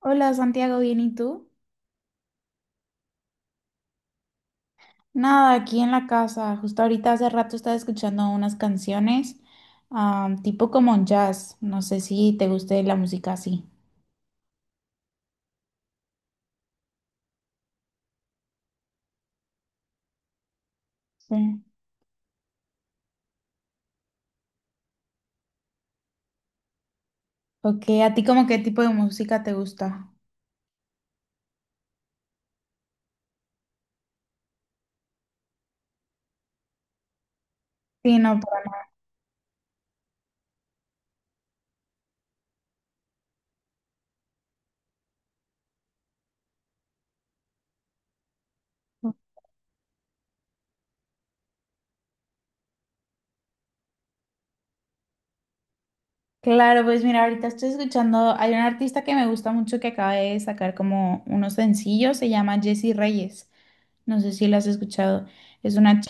Hola Santiago, ¿bien y tú? Nada, aquí en la casa. Justo ahorita hace rato estaba escuchando unas canciones, tipo como jazz. No sé si te guste la música así. Sí. Ok, ¿a ti como qué tipo de música te gusta? Sí, no, para mí. Claro, pues mira, ahorita estoy escuchando, hay un artista que me gusta mucho que acaba de sacar como unos sencillos, se llama Jessie Reyes. No sé si lo has escuchado. Es una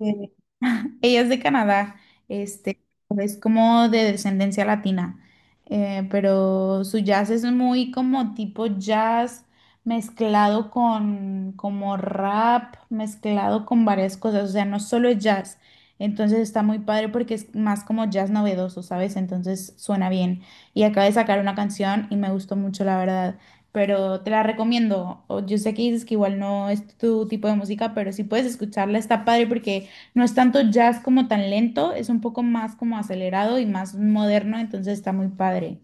Eh, Ella es de Canadá, este, es como de descendencia latina, pero su jazz es muy como tipo jazz mezclado con como rap, mezclado con varias cosas, o sea, no solo es jazz, entonces está muy padre porque es más como jazz novedoso, ¿sabes? Entonces suena bien. Y acaba de sacar una canción y me gustó mucho, la verdad, pero te la recomiendo. O- Yo sé que dices que igual no es tu tipo de música, pero si puedes escucharla está padre porque... No es tanto jazz como tan lento, es un poco más como acelerado y más moderno, entonces está muy padre.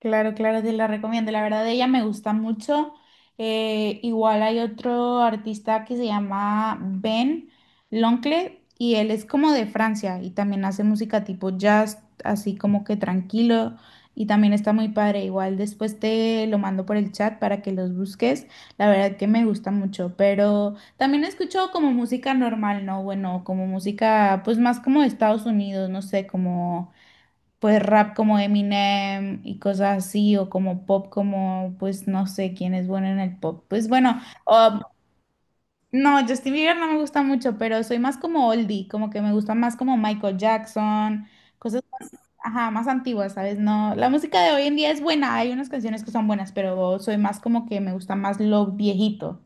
Claro, claro, te la recomiendo. La verdad, ella me gusta mucho. Igual hay otro artista que se llama Ben Loncle y él es como de Francia y también hace música tipo jazz, así como que tranquilo y también está muy padre. Igual después te lo mando por el chat para que los busques. La verdad que me gusta mucho, pero también escucho como música normal, ¿no? Bueno, como música pues más como de Estados Unidos, no sé, como pues rap como Eminem y cosas así, o como pop como, pues no sé quién es bueno en el pop. Pues bueno, o- no, Justin Bieber no me gusta mucho, pero soy más como oldie, como que me gusta más como Michael Jackson, cosas, ajá, más antiguas, ¿sabes? No, la música de hoy en día es buena, hay unas canciones que son buenas, pero soy más como que me gusta más lo viejito.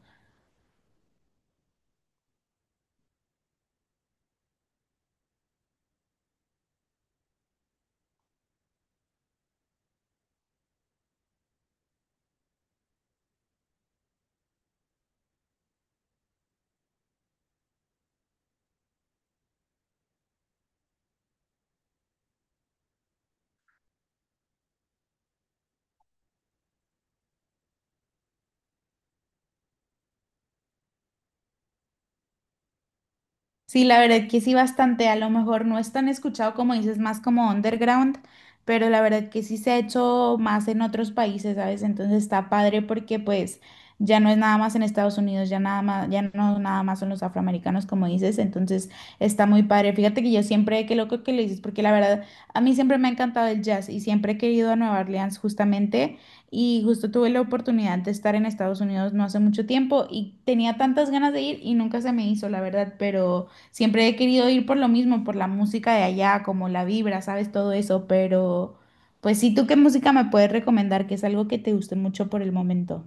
Sí, la verdad que sí, bastante. A lo mejor no es tan escuchado como dices, más como underground, pero la verdad que sí se ha hecho más en otros países, ¿sabes? Entonces está padre porque pues ya no es nada más en Estados Unidos, ya nada más, ya no nada más son los afroamericanos como dices, entonces está muy padre. Fíjate que yo siempre, qué loco que lo dices, porque la verdad a mí siempre me ha encantado el jazz y siempre he querido a Nueva Orleans justamente. Y justo tuve la oportunidad de estar en Estados Unidos no hace mucho tiempo y tenía tantas ganas de ir y nunca se me hizo, la verdad, pero siempre he querido ir por lo mismo, por la música de allá, como la vibra, sabes, todo eso, pero pues sí, ¿tú qué música me puedes recomendar? Que es algo que te guste mucho por el momento.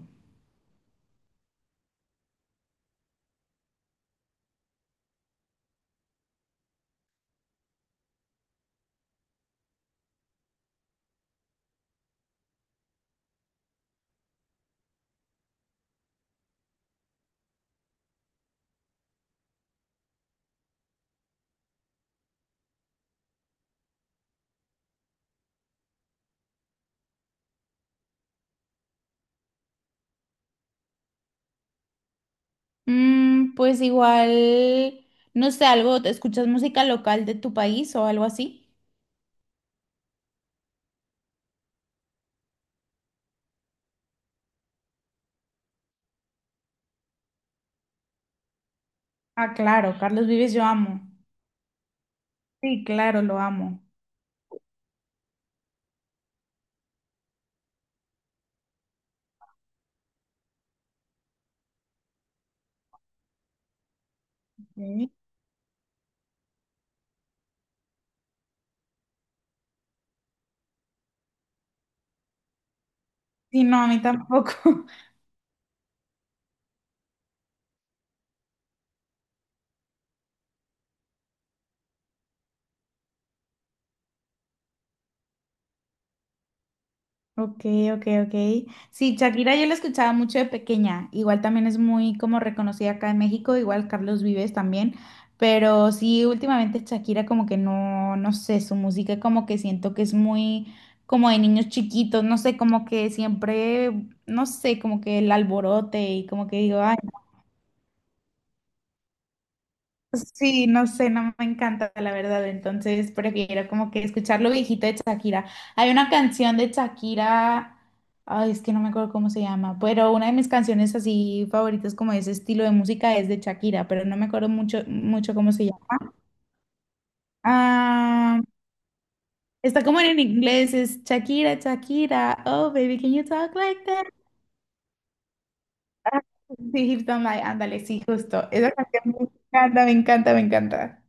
Pues igual, no sé, algo, ¿te ¿escuchas música local de tu país o algo así? Ah, claro, Carlos Vives yo amo. Sí, claro, lo amo. Ok. Sí, no, a mí tampoco. Ok, ok, ok. Sí, Shakira yo la escuchaba mucho de pequeña. Igual también es muy como reconocida acá en México, igual Carlos Vives también. Pero sí, últimamente Shakira como que no, no sé, su música como que siento que es muy como de niños chiquitos, no sé, como que siempre, no sé, como que el alborote y como que digo, ay. Sí, no sé, no me encanta la verdad, entonces prefiero como que escuchar lo viejito de Shakira. Hay una canción de Shakira, ay, es que no me acuerdo cómo se llama, pero una de mis canciones así favoritas como de ese estilo de música es de Shakira, pero no me acuerdo mucho, mucho cómo se llama. Ah, está como en inglés, es Shakira, Shakira, oh baby, can you talk like that? Ah, Sí, Hips Don't Lie, ándale, sí, justo. Esa canción me encanta, me encanta, me encanta.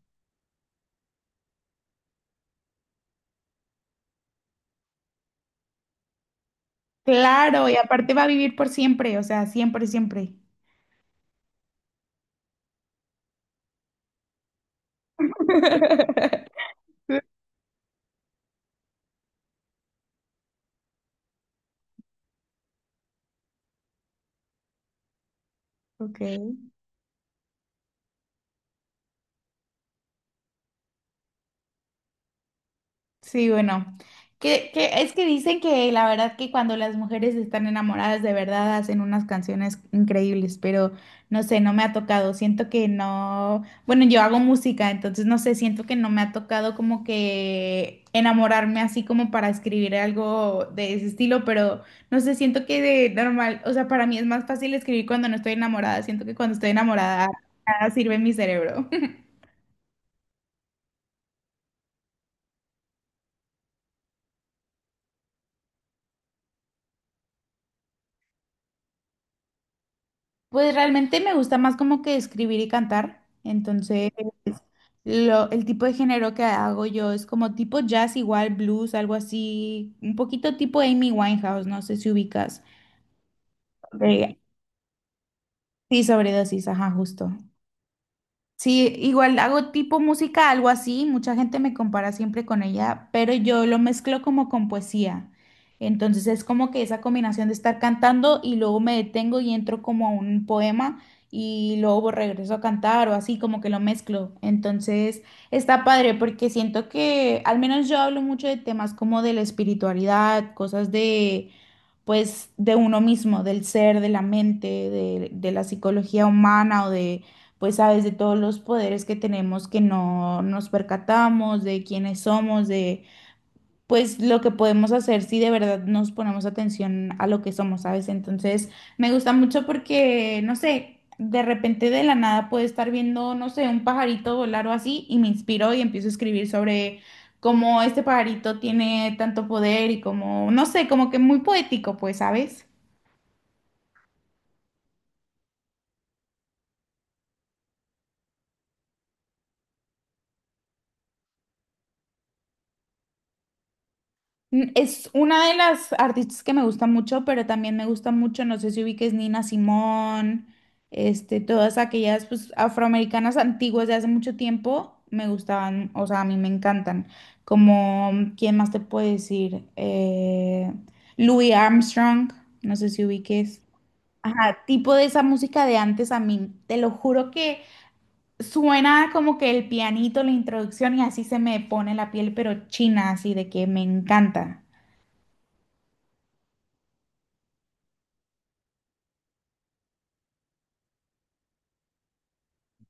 Claro, y aparte va a vivir por siempre, o sea, siempre, siempre. Ok. Sí, bueno, que es que dicen que la verdad que cuando las mujeres están enamoradas de verdad hacen unas canciones increíbles, pero no sé, no me ha tocado, siento que no, bueno, yo hago música, entonces no sé, siento que no me ha tocado como que enamorarme así como para escribir algo de ese estilo, pero no sé, siento que de normal, o sea, para mí es más fácil escribir cuando no estoy enamorada, siento que cuando estoy enamorada nada sirve en mi cerebro. Pues realmente me gusta más como que escribir y cantar, entonces... el tipo de género que hago yo es como tipo jazz, igual blues, algo así, un poquito tipo Amy Winehouse, no sé si ubicas. De- sí, sobredosis, ajá, justo. Sí, igual hago tipo música, algo así, mucha gente me compara siempre con ella, pero yo lo mezclo como con poesía. Entonces es como que esa combinación de estar cantando y luego me detengo y entro como a un poema y luego regreso a cantar o así, como que lo mezclo. Entonces está padre porque siento que al menos yo hablo mucho de temas como de la espiritualidad, cosas de pues de uno mismo, del ser, de la mente, de la psicología humana o de pues sabes de todos los poderes que tenemos que no nos percatamos, de quiénes somos, de pues lo que podemos hacer si de verdad nos ponemos atención a lo que somos, ¿sabes? Entonces me gusta mucho porque, no sé, de repente de la nada puedo estar viendo, no sé, un pajarito volar o así y me inspiro y empiezo a escribir sobre cómo este pajarito tiene tanto poder y como, no sé, como que muy poético, pues, ¿sabes? Mm, es una de las artistas que me gusta mucho, pero también me gusta mucho, no sé si ubiques Nina Simón, todas aquellas pues, afroamericanas antiguas de hace mucho tiempo, me gustaban, o sea, a mí me encantan. Como, ¿quién más te puede decir? Louis Armstrong, no sé si ubiques. Ajá, tipo de esa música de antes a mí, te lo juro que suena como que el pianito, la introducción y así se me pone la piel, pero china, así de que me encanta.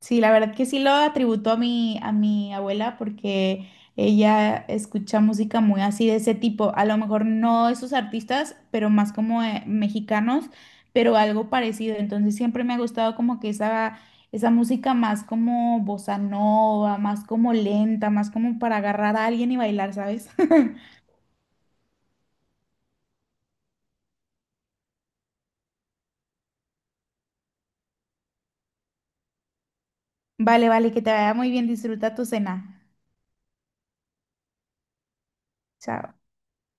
Sí, la verdad que sí lo atributo a mi abuela porque ella escucha música muy así de ese tipo. A lo mejor no esos artistas, pero más como mexicanos, pero algo parecido. Entonces siempre me ha gustado como que esa música más como bossa nova, más como lenta, más como para agarrar a alguien y bailar, ¿sabes? Vale, vale, que te vaya muy bien. Disfruta tu cena. Chao.